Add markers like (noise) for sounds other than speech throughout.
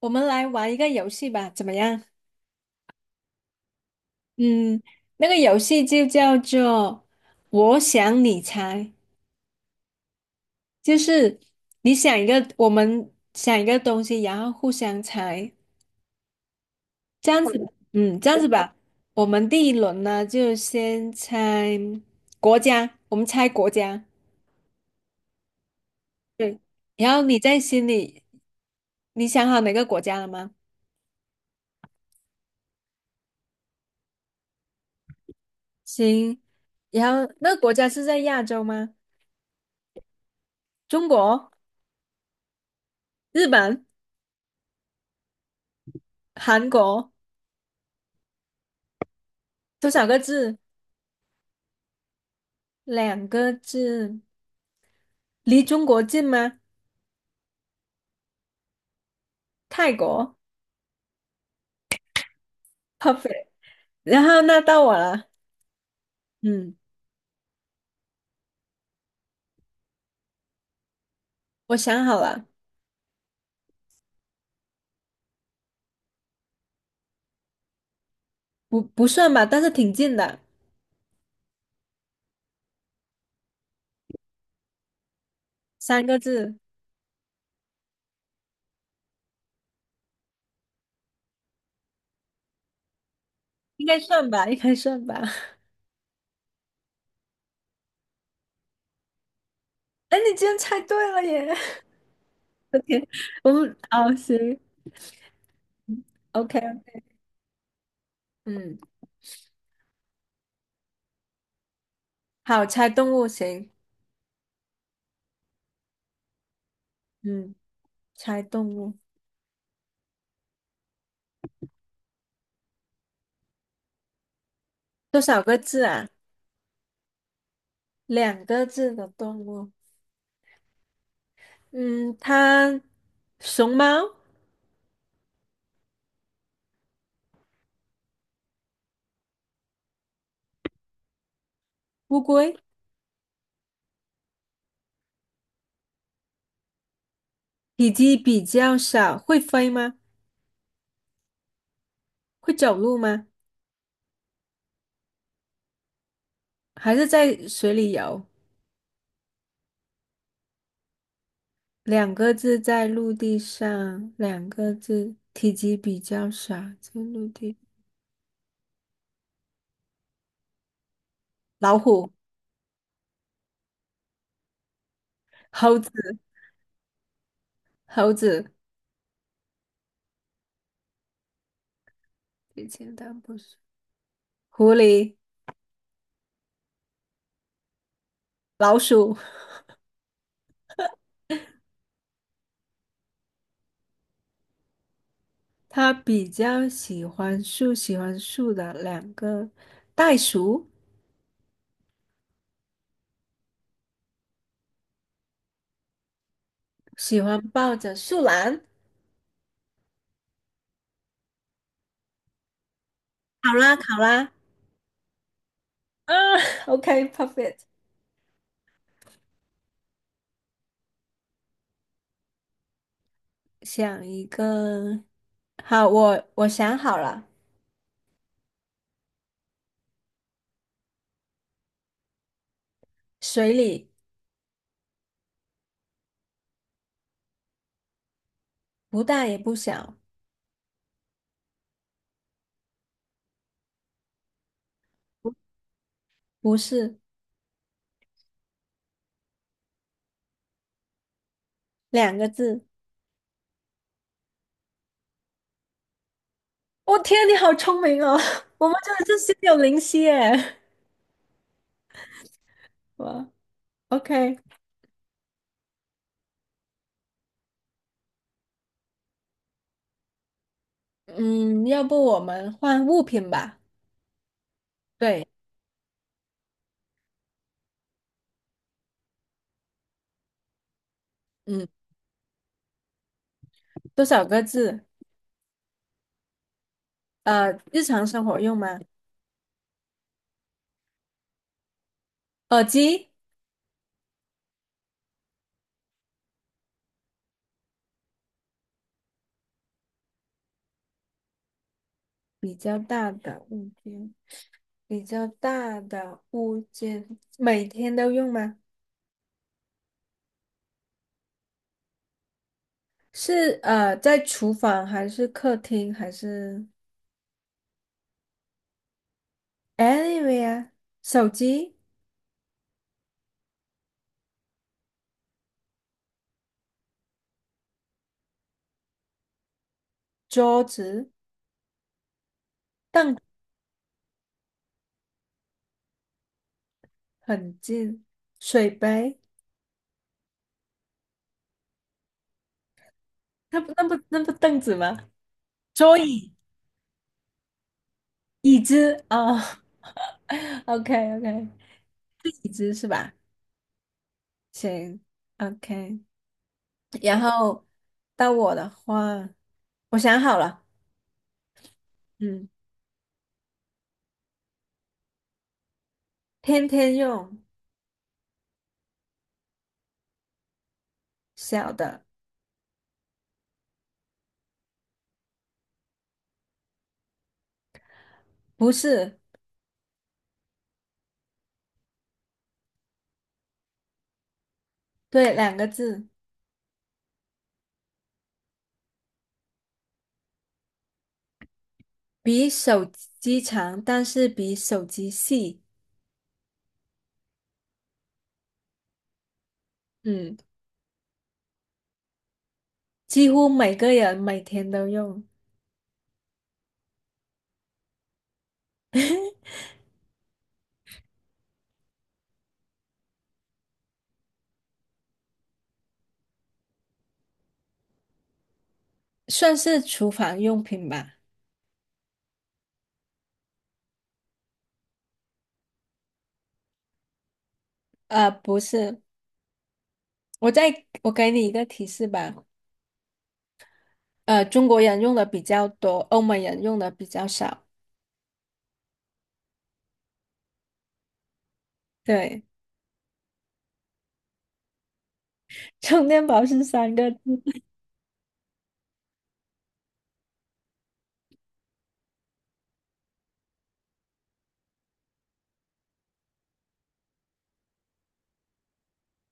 我们来玩一个游戏吧，怎么样？嗯，那个游戏就叫做“我想你猜”，就是你想一个，我们想一个东西，然后互相猜，这样子吧嗯，这样子吧。我们第一轮呢，就先猜国家，我们猜国家。对，然后你在心里，你想好哪个国家了吗？行，然后那个国家是在亚洲吗？中国、日本、韩国，多少个字？两个字，离中国近吗？泰国，perfect。然后那到我了。嗯，我想好了。不算吧，但是挺近的。三个字。应该算吧，应该算吧。(laughs) 哎，你竟然猜对了耶！(laughs) 我的天，我们哦行，OK。嗯，好，猜动物行。嗯，猜动物，多少个字啊？两个字的动物。嗯，它熊猫、乌龟，体积比较小，会飞吗？会走路吗？还是在水里游？两个字在陆地上，两个字体积比较小，在陆地。老虎、猴子、猴子，以前但不是狐狸、老鼠。它比较喜欢树，喜欢树的两个，袋鼠，喜欢抱着树懒。好啦，好啦，啊OK，perfect。想一个，好，我想好了。水里。不大也不小。不是，两个字。我、天，你好聪明哦！(laughs) 我们真的是心有灵犀耶。哇，OK。嗯，要不我们换物品吧？对。嗯，多少个字？呃，日常生活用吗？耳机。比较大的物件，比较大的物件，每天都用吗？是呃，在厨房还是客厅还是 ANYWHERE, 手机、桌子、凳很近，水杯，那不那不那不凳子吗？桌椅、椅子哦 o k (laughs) OK。是椅子是吧？行，OK。然后到我的话，我想好了。嗯，天天用，小的，不是，对，两个字，比手机长，但是比手机细。嗯，几乎每个人每天都用。算是厨房用品吧。呃，不是，我再，我给你一个提示吧，呃，中国人用的比较多，欧美人用的比较少。对，(laughs) 充电宝是三个字。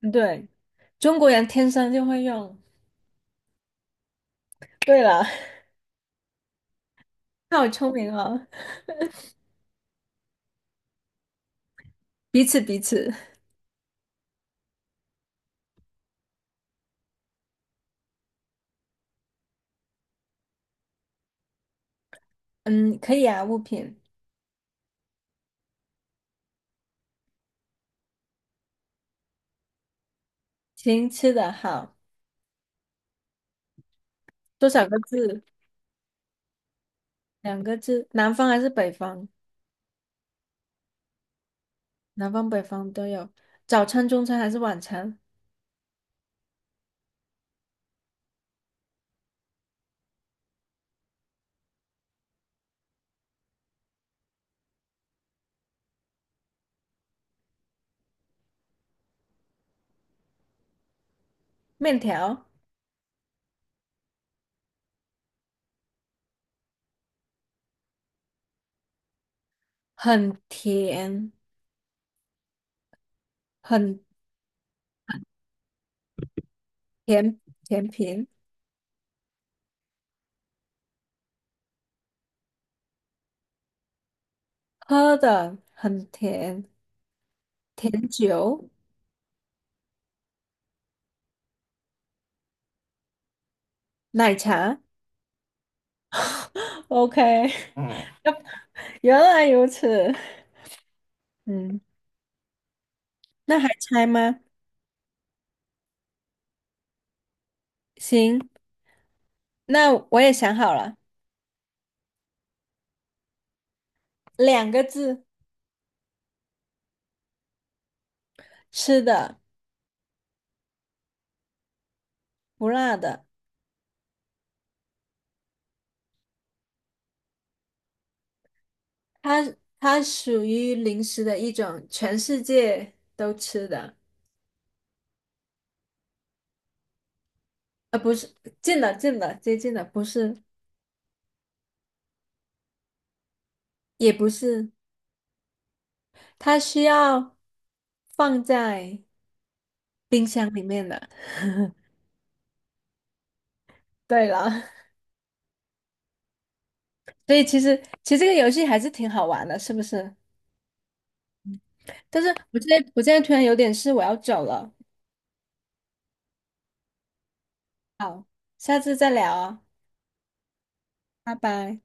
嗯对，中国人天生就会用。对了，(laughs) 好聪明哦，彼此彼此。嗯，可以啊，物品。行，吃的好，多少个字？两个字。南方还是北方？南方北方都有。早餐、中餐还是晚餐？面条，很甜，很甜甜品。喝的很甜，甜酒、奶茶。(laughs) OK,嗯，(laughs) 原来如此。嗯，那还猜吗？行，那我也想好了。两个字，吃的，不辣的。它它属于零食的一种，全世界都吃的。呃，不是，近了，近了，接近了，不是，也不是，它需要放在冰箱里面的。对了，(laughs) 所以其实这个游戏还是挺好玩的，是不是？但是我现在突然有点事，我要走了。好，下次再聊啊，拜拜。